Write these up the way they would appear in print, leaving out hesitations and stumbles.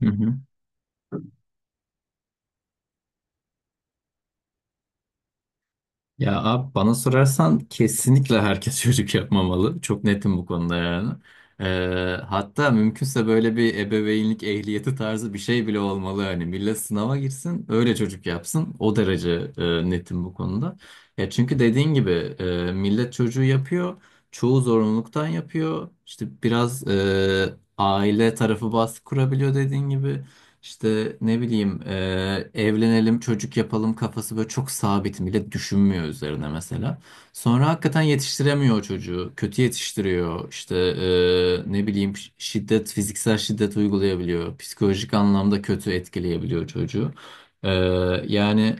Hı hı. Ya abi bana sorarsan kesinlikle herkes çocuk yapmamalı. Çok netim bu konuda yani. Ee, hatta mümkünse böyle bir ebeveynlik ehliyeti tarzı bir şey bile olmalı. Hani millet sınava girsin öyle çocuk yapsın. O derece netim bu konuda. Ya çünkü dediğin gibi millet çocuğu yapıyor. Çoğu zorunluluktan yapıyor. İşte biraz aile tarafı baskı kurabiliyor dediğin gibi. İşte ne bileyim evlenelim çocuk yapalım kafası böyle çok sabit bile düşünmüyor üzerine mesela. Sonra hakikaten yetiştiremiyor o çocuğu. Kötü yetiştiriyor. İşte ne bileyim şiddet fiziksel şiddet uygulayabiliyor. Psikolojik anlamda kötü etkileyebiliyor çocuğu. E, Yani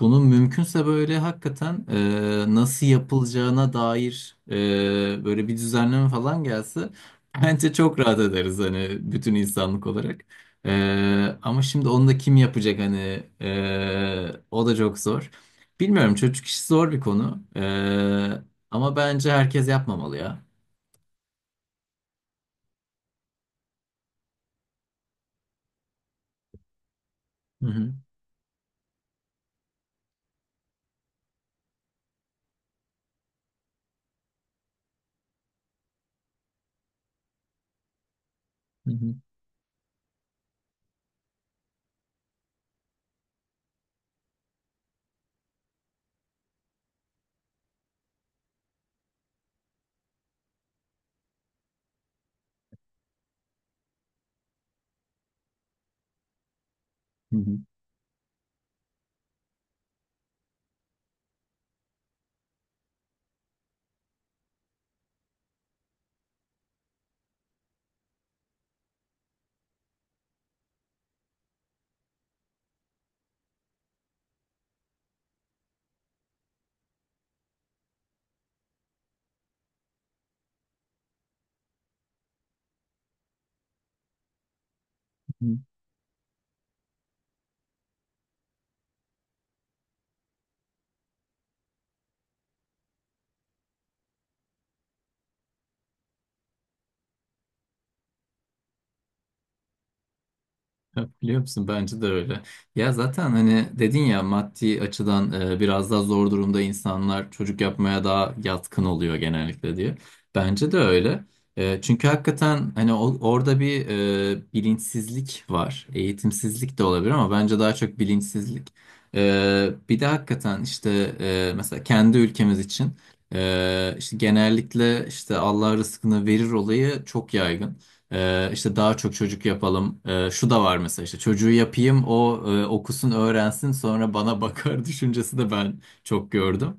bunun mümkünse böyle hakikaten nasıl yapılacağına dair böyle bir düzenleme falan gelse bence çok rahat ederiz hani bütün insanlık olarak. Ama şimdi onu da kim yapacak hani. O da çok zor. Bilmiyorum, çocuk işi zor bir konu. Ama bence herkes yapmamalı ya. Hı hı, hı hı, hı hı. Ya biliyor musun? Bence de öyle. Ya zaten hani dedin ya maddi açıdan biraz daha zor durumda insanlar çocuk yapmaya daha yatkın oluyor genellikle diye. Bence de öyle. Çünkü hakikaten hani orada bir bilinçsizlik var. Eğitimsizlik de olabilir ama bence daha çok bilinçsizlik. Bir de hakikaten işte mesela kendi ülkemiz için işte genellikle işte Allah rızkını verir olayı çok yaygın. İşte daha çok çocuk yapalım. Şu da var mesela işte çocuğu yapayım o okusun öğrensin sonra bana bakar düşüncesi de ben çok gördüm.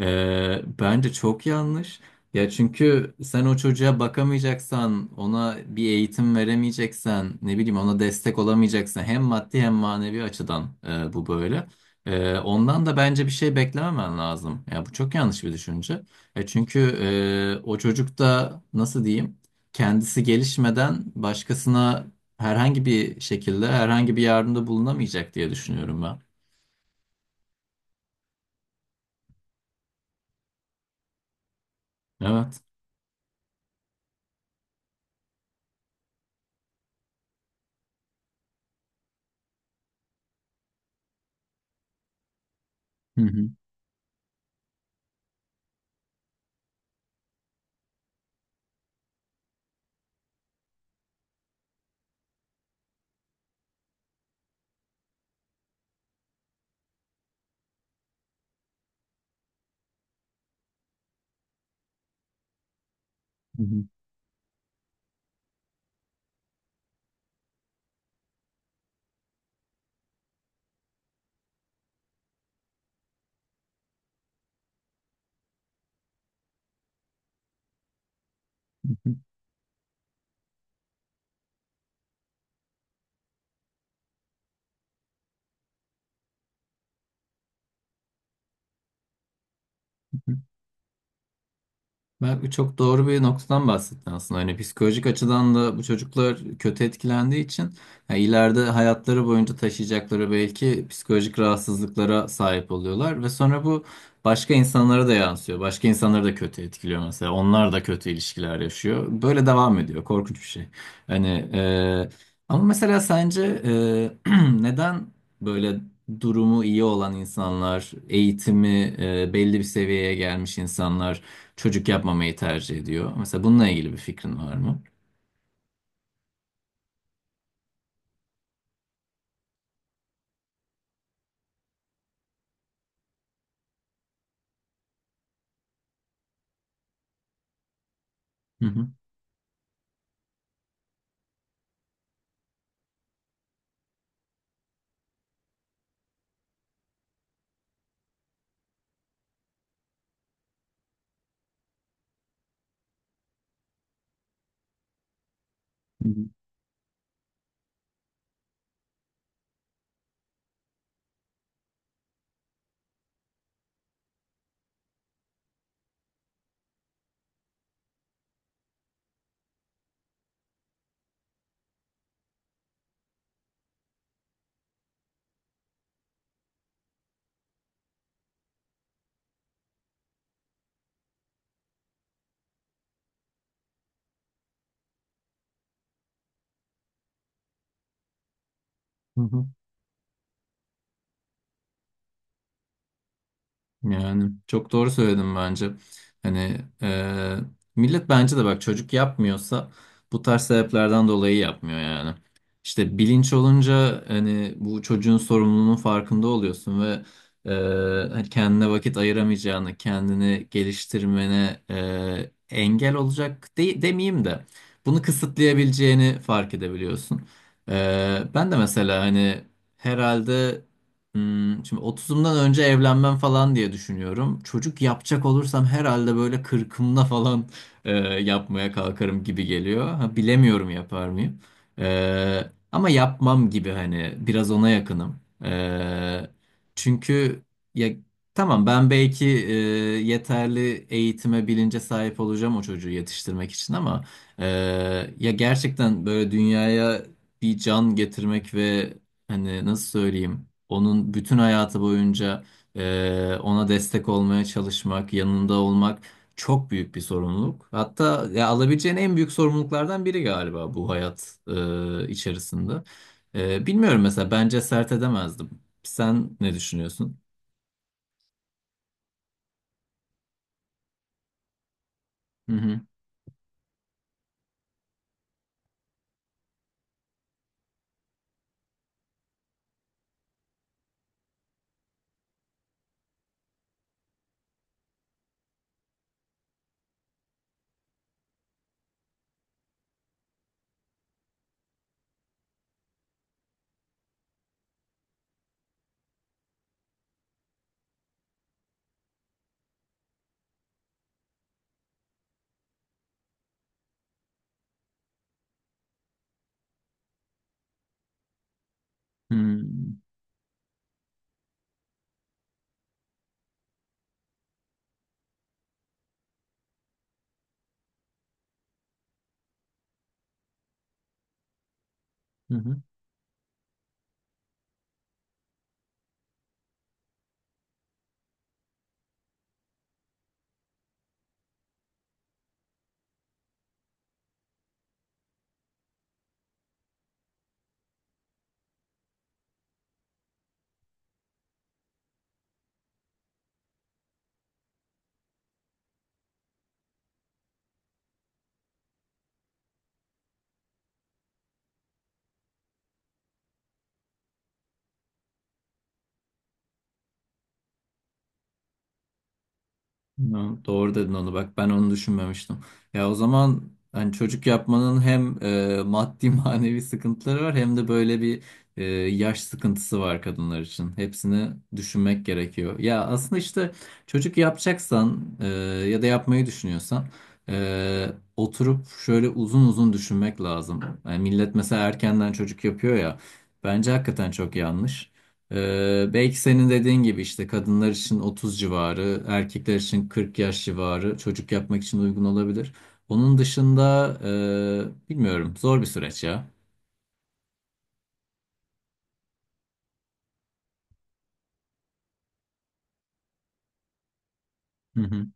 Bence çok yanlış. Ya çünkü sen o çocuğa bakamayacaksan, ona bir eğitim veremeyeceksen, ne bileyim ona destek olamayacaksan hem maddi hem manevi açıdan bu böyle. Ondan da bence bir şey beklememen lazım. Ya bu çok yanlış bir düşünce. Çünkü o çocuk da nasıl diyeyim? Kendisi gelişmeden başkasına herhangi bir şekilde herhangi bir yardımda bulunamayacak diye düşünüyorum ben. Evet. Hı hı. Hı hı. Bak, bu çok doğru bir noktadan bahsettin aslında. Hani psikolojik açıdan da bu çocuklar kötü etkilendiği için ya ileride hayatları boyunca taşıyacakları belki psikolojik rahatsızlıklara sahip oluyorlar ve sonra bu başka insanlara da yansıyor. Başka insanları da kötü etkiliyor mesela. Onlar da kötü ilişkiler yaşıyor. Böyle devam ediyor. Korkunç bir şey. Hani e, ama mesela sence neden böyle durumu iyi olan insanlar, eğitimi belli bir seviyeye gelmiş insanlar çocuk yapmamayı tercih ediyor. Mesela bununla ilgili bir fikrin var mı? Hı hı. Hı hı. Hı hı. Yani çok doğru söyledim bence. Hani e, millet bence de bak çocuk yapmıyorsa bu tarz sebeplerden dolayı yapmıyor yani. İşte bilinç olunca hani bu çocuğun sorumluluğunun farkında oluyorsun ve e, hani kendine vakit ayıramayacağını, kendini geliştirmene engel olacak demeyeyim de bunu kısıtlayabileceğini fark edebiliyorsun. Ben de mesela hani herhalde şimdi 30'umdan önce evlenmem falan diye düşünüyorum. Çocuk yapacak olursam herhalde böyle 40'ımda falan yapmaya kalkarım gibi geliyor. Ha, bilemiyorum yapar mıyım. Ama yapmam gibi, hani biraz ona yakınım. E, Çünkü ya tamam, ben belki yeterli eğitime bilince sahip olacağım o çocuğu yetiştirmek için ama e, ya gerçekten böyle dünyaya bir can getirmek ve hani nasıl söyleyeyim onun bütün hayatı boyunca ona destek olmaya çalışmak, yanında olmak çok büyük bir sorumluluk. Hatta ya, alabileceğin en büyük sorumluluklardan biri galiba bu hayat içerisinde. Bilmiyorum mesela, bence sert edemezdim. Sen ne düşünüyorsun? Hı hı. Hı hı. Ya, doğru dedin onu, bak ben onu düşünmemiştim. Ya o zaman hani çocuk yapmanın hem maddi manevi sıkıntıları var hem de böyle bir e, yaş sıkıntısı var kadınlar için. Hepsini düşünmek gerekiyor. Ya aslında işte çocuk yapacaksan ya da yapmayı düşünüyorsan e, oturup şöyle uzun uzun düşünmek lazım. Yani millet mesela erkenden çocuk yapıyor ya, bence hakikaten çok yanlış. Belki senin dediğin gibi işte kadınlar için 30 civarı, erkekler için 40 yaş civarı çocuk yapmak için uygun olabilir. Onun dışında bilmiyorum, zor bir süreç ya. Hı hı.